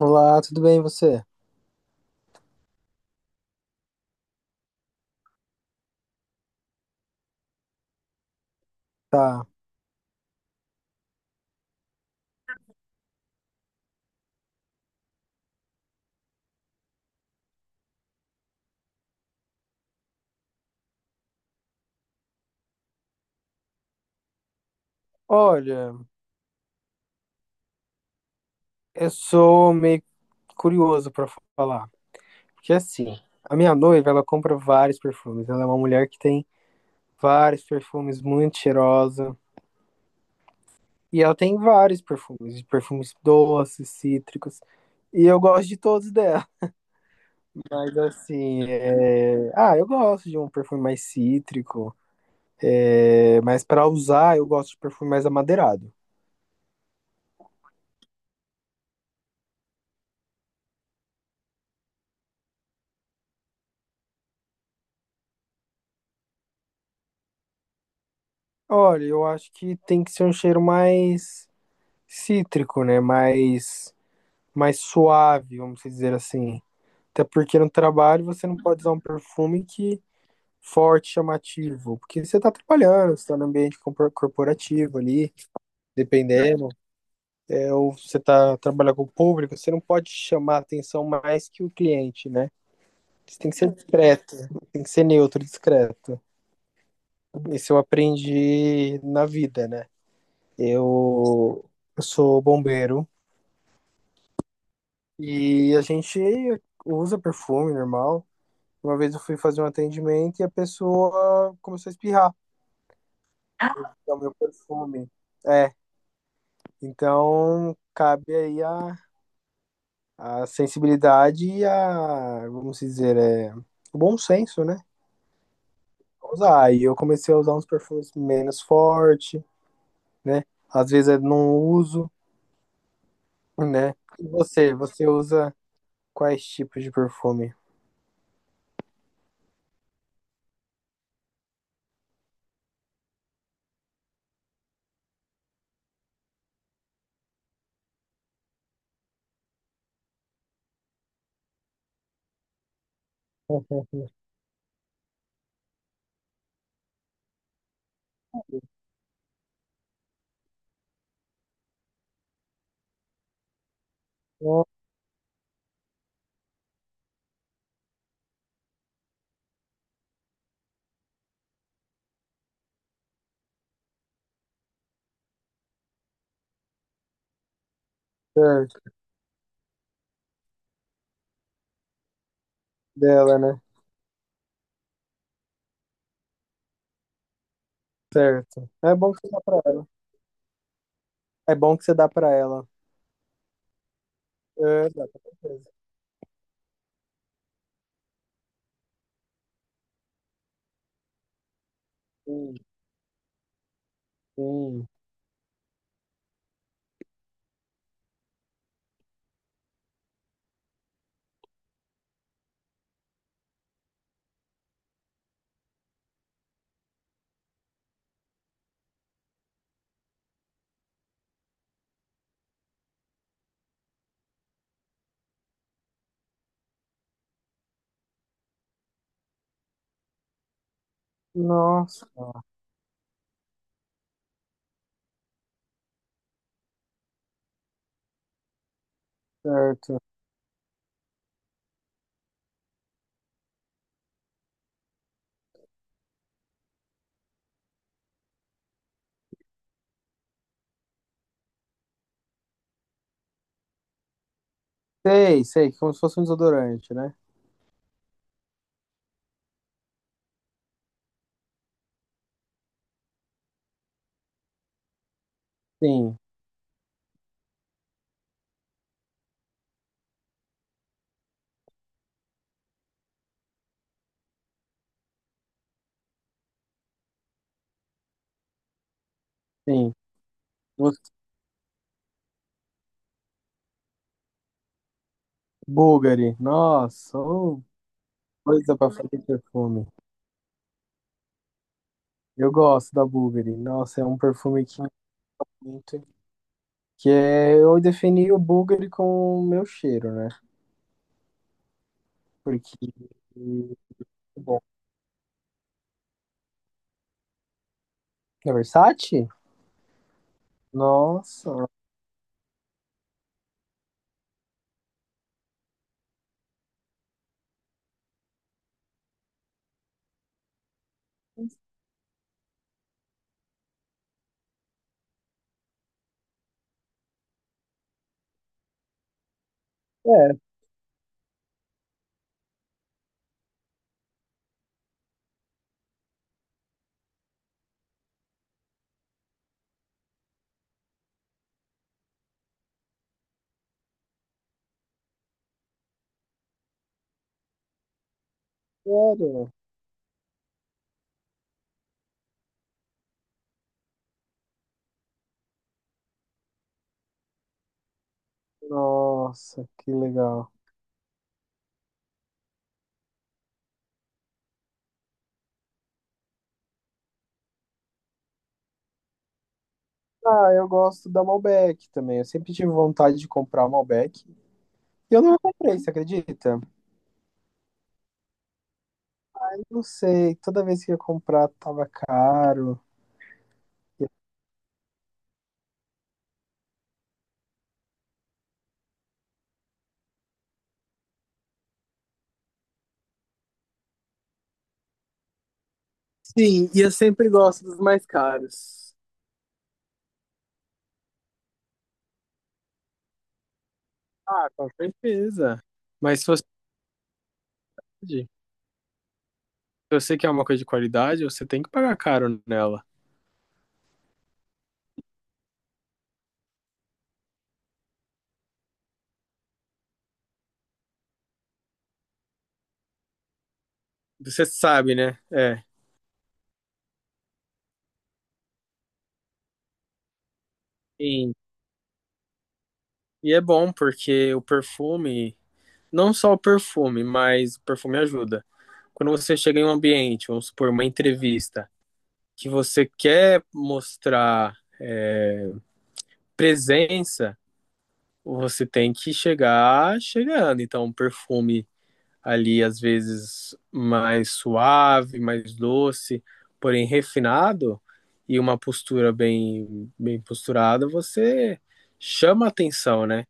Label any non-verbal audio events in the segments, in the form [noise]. Olá, tudo bem você? Tá. Olha, eu sou meio curioso pra falar, porque assim, a minha noiva, ela compra vários perfumes. Ela é uma mulher que tem vários perfumes, muito cheirosa, e ela tem vários perfumes, de perfumes doces, cítricos, e eu gosto de todos dela. [laughs] Mas assim, eu gosto de um perfume mais cítrico, mas pra usar eu gosto de perfume mais amadeirado. Olha, eu acho que tem que ser um cheiro mais cítrico, né? Mais suave, vamos dizer assim. Até porque no trabalho você não pode usar um perfume que forte, chamativo, porque você está trabalhando, você está no ambiente corporativo ali, dependendo, ou você está trabalhando com o público, você não pode chamar atenção mais que o cliente, né? Você tem que ser discreto, tem que ser neutro, discreto. Isso eu aprendi na vida, né? Eu, eu sou bombeiro. E a gente usa perfume normal. Uma vez eu fui fazer um atendimento e a pessoa começou a espirrar. É o meu perfume. É, então cabe aí a sensibilidade e a, vamos dizer, é, o bom senso, né? Usar. Aí eu comecei a usar uns perfumes menos forte, né? Às vezes eu não uso, né? E você usa quais tipos de perfume? Certo, dela, né? Certo. É bom que dá pra ela. É bom que você dá pra ela. É, dá, com certeza. Sim, sim. Nossa, certo. Sei, sei, como se fosse um desodorante, né? Sim, sim. Nossa, Bulgari, nossa, ô, coisa pra fazer perfume. Eu gosto da Bulgari. Nossa, é um perfume que muito. Que é, eu defini o Bulgari com o meu cheiro, né? Porque. Bom, é Versace? Nossa, é, sério. Nossa, que legal. Ah, eu gosto da Malbec também. Eu sempre tive vontade de comprar Malbec. E eu não comprei, você acredita? Eu não sei. Toda vez que eu ia comprar, tava caro. Sim, e eu sempre gosto dos mais caros. Ah, com certeza. Mas se se você quer uma coisa de qualidade, você tem que pagar caro nela. Você sabe, né? É. Sim. E é bom porque o perfume, não só o perfume, mas o perfume ajuda. Quando você chega em um ambiente, vamos supor, uma entrevista. Que você quer mostrar presença, você tem que chegar chegando. Então, um perfume ali, às vezes, mais suave, mais doce, porém refinado, e uma postura bem posturada, você chama atenção, né?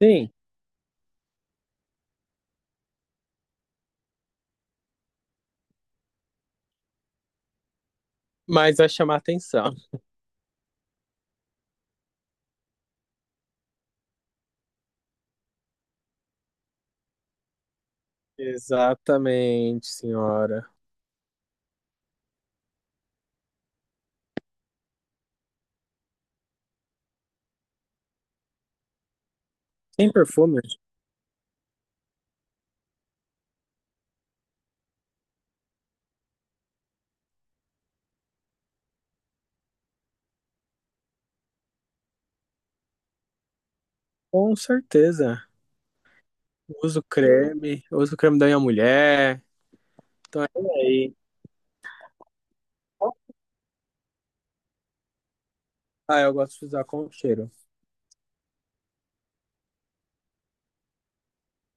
Sim, mas vai chamar atenção. Exatamente, senhora. Tem perfume? Com certeza. Uso creme da minha mulher. Então é por aí. Ah, eu gosto de usar com cheiro.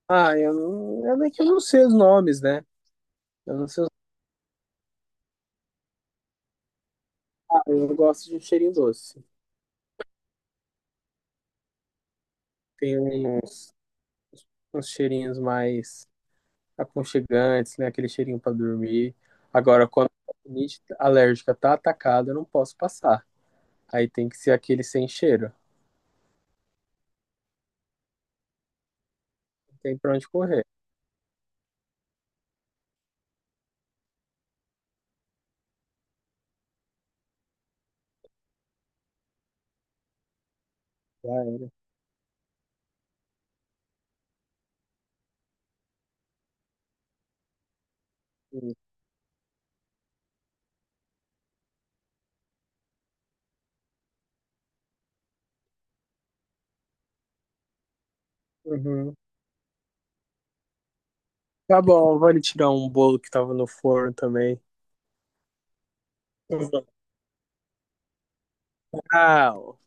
Ah, eu não. Eu nem que eu não sei os nomes, né? Eu não sei eu gosto de um cheirinho doce. Tem uns cheirinhos mais aconchegantes, né? Aquele cheirinho pra dormir. Agora, quando a rinite alérgica tá atacada, eu não posso passar. Aí tem que ser aquele sem cheiro. Não tem pra onde correr. Ah, é. Uhum. Tá bom, vale tirar um bolo que tava no forno também. Uhum. Tchau.